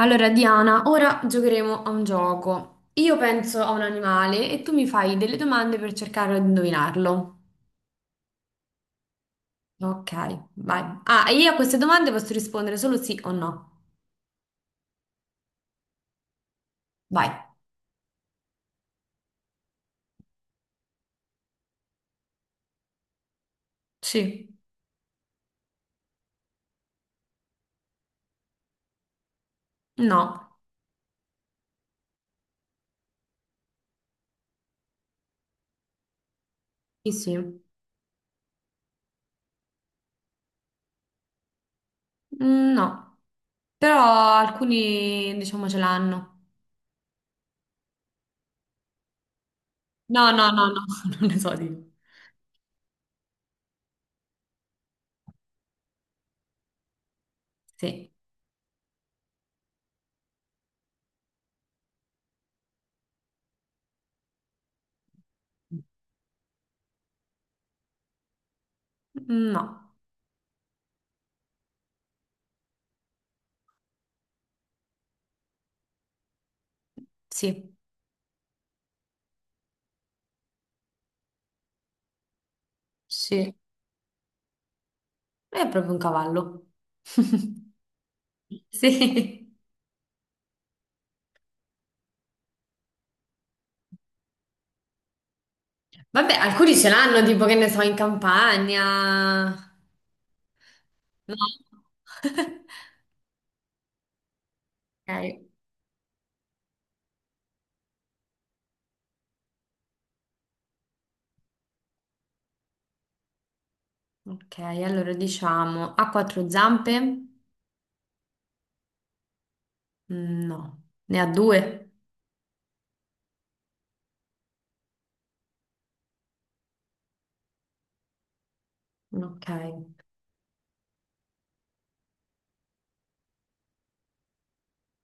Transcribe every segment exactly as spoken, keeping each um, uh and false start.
Allora, Diana, ora giocheremo a un gioco. Io penso a un animale e tu mi fai delle domande per cercare di indovinarlo. Ok, vai. Ah, e io a queste domande posso rispondere solo sì o no. Vai. Sì. No. Sì, sì. Mm, no. Però alcuni, diciamo, ce l'hanno. No, no, no, no, non ne so di. Sì. No. Sì. Sì. È proprio un cavallo. Sì. Vabbè, alcuni ce l'hanno, tipo che ne so, in campagna. No? Ok, ok, allora diciamo ha quattro zampe? Mm, no, ne ha due. Ok,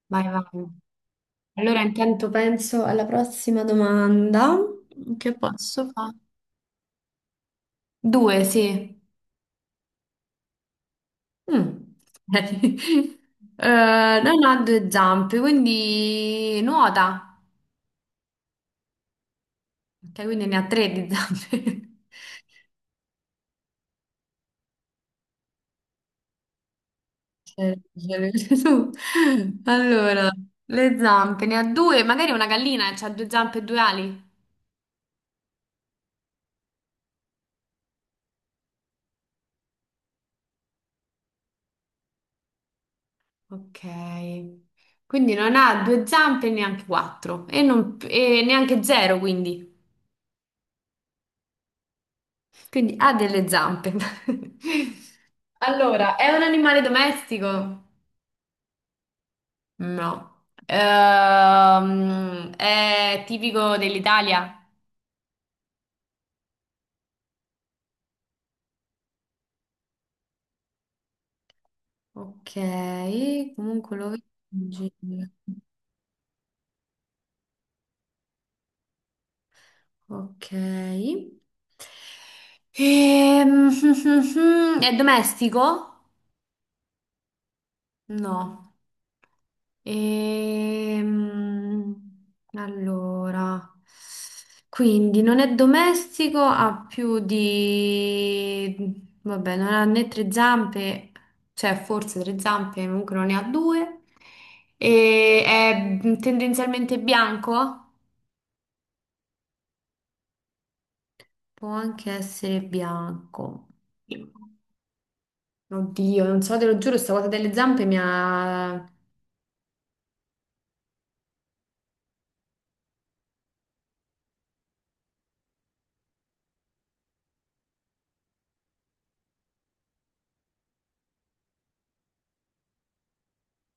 vai, vai. Allora intanto penso alla prossima domanda. Che posso fare? Due, sì. Mm. Eh, non ha due zampe, quindi nuota. Ok, quindi ne ha tre di zampe. Eh, tu. Allora, le zampe ne ha due, magari una gallina ha due zampe e due ali. Ok. Quindi non ha due zampe e neanche quattro e, non- e neanche zero, quindi. Quindi ha delle zampe. Allora, è un animale domestico? No. Ehm, è tipico dell'Italia? Ok, comunque lo vedo in giro. Ok. Ehm, È domestico? No. Ehm, Allora, quindi non è domestico, ha più di... Vabbè, non ha né tre zampe, cioè forse tre zampe, comunque non ne ha due. E è tendenzialmente bianco? Può anche essere bianco. Oddio, non so, te lo giuro, sta cosa delle zampe mi ha...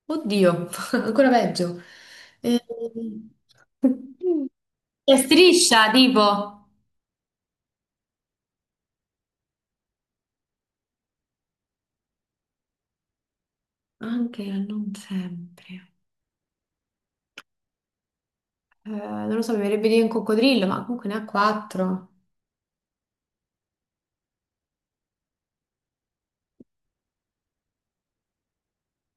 Oddio, ancora peggio. Eh, Che striscia, tipo. Anche non sempre. Eh, non lo so, mi verrebbe di dire un coccodrillo, ma comunque ne ha quattro.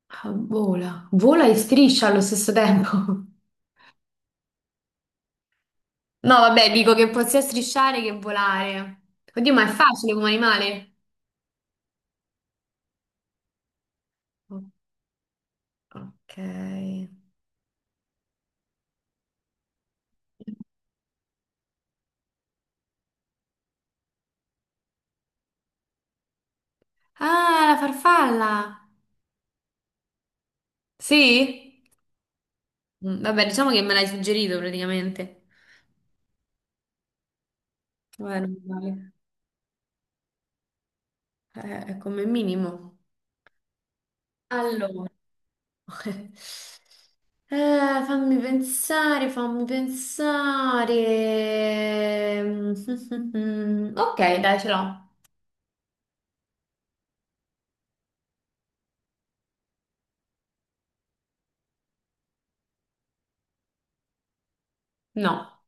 Ah, vola. Vola e striscia allo stesso tempo. No, vabbè, dico che può sia strisciare che volare. Oddio, ma è facile come animale. O- Ok. Ah, la farfalla. Sì? Mm, vabbè, diciamo che me l'hai suggerito praticamente. Vabbè, non vale. Eh, è come minimo. Allora, eh, fammi pensare, fammi pensare. Mm, mm, mm. Ok, dai, ce l'ho. No,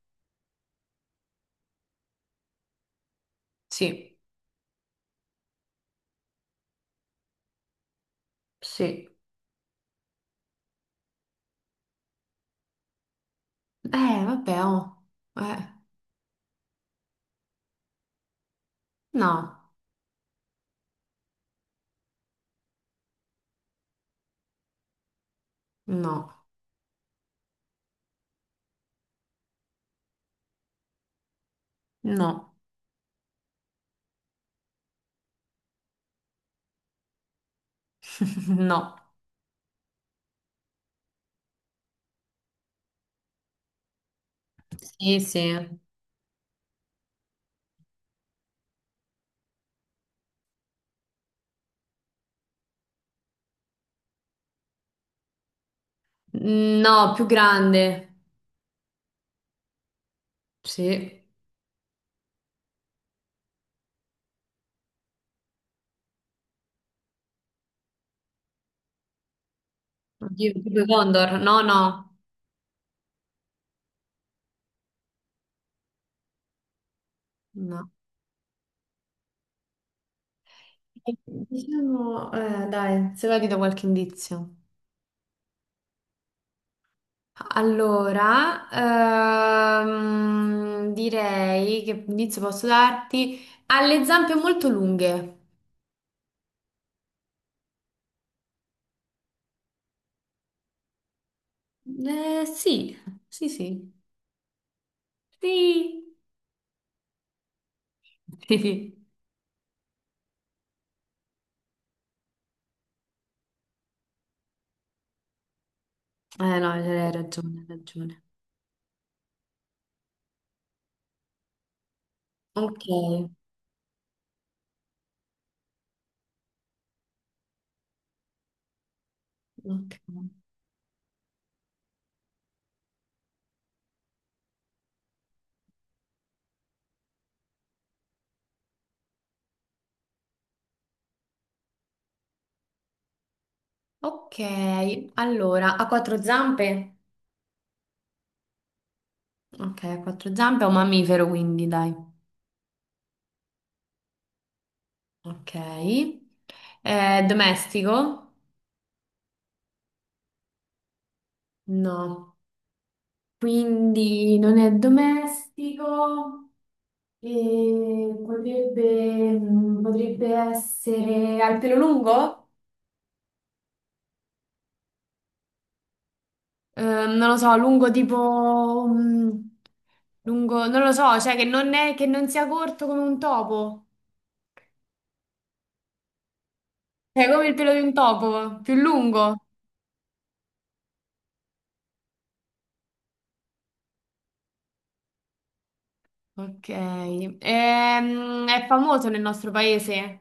sì, sì. Eh, vabbè, oh. Eh, no, no, no, no. Sì, sì. No, più grande. Sì. Oddio, tipo i Condor. No, no, no. Eh, diciamo, eh, dai, se va ti do qualche indizio. Allora, ehm, direi che inizio posso darti ha le zampe molto lunghe. Eh, sì, sì, sì. Sì. Sì. Eh no, hai ragione, hai ragione. Ok, ok. Ok, allora, ha quattro zampe? Ok, ha quattro zampe, è un mammifero quindi, dai. Ok. Eh, domestico? No. Quindi non è domestico e potrebbe, mm, potrebbe essere al pelo lungo? Eh, non lo so, lungo tipo... mm, lungo, non lo so, cioè che non è, che non sia corto come un topo, cioè come il pelo di un topo, più lungo. Ok, Ehm, è famoso nel nostro paese,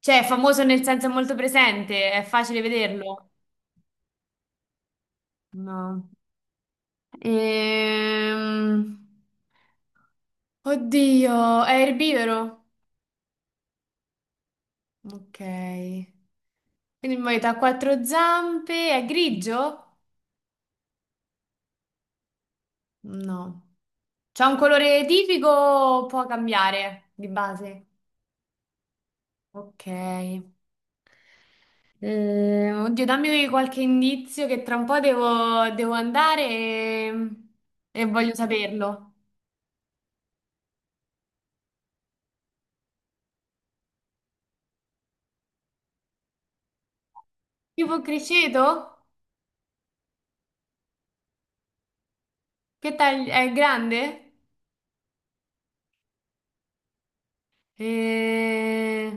cioè è famoso nel senso è molto presente, è facile vederlo. No. Ehm, Oddio, è erbivoro? Ok. Quindi muoio ha quattro zampe, è grigio? No. C'ha un colore tipico o può cambiare di base? Ok. Eh, oddio, dammi qualche indizio che tra un po' devo, devo andare e, e voglio saperlo. Tipo criceto? Che taglio? È grande? Eh,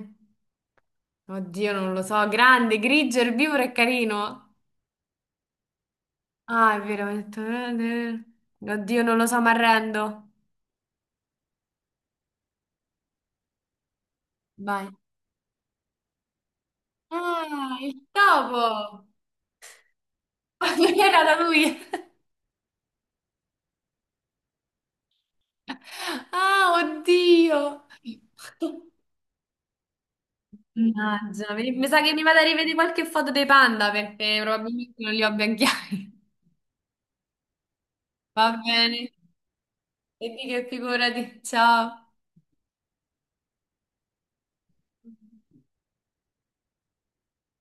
Oddio, non lo so. Grande, grigio, erbivoro e carino. Ah, è vero, ho detto. Eh, eh. Oddio, non lo so, mi arrendo. Vai. Ah, il topo! Non era da lui. Ah, oddio. Mannaggia, mi, mi sa che mi vado a rivedere qualche foto dei panda perché probabilmente non li ho ben chiari. Va bene. E di che figurati. Ciao.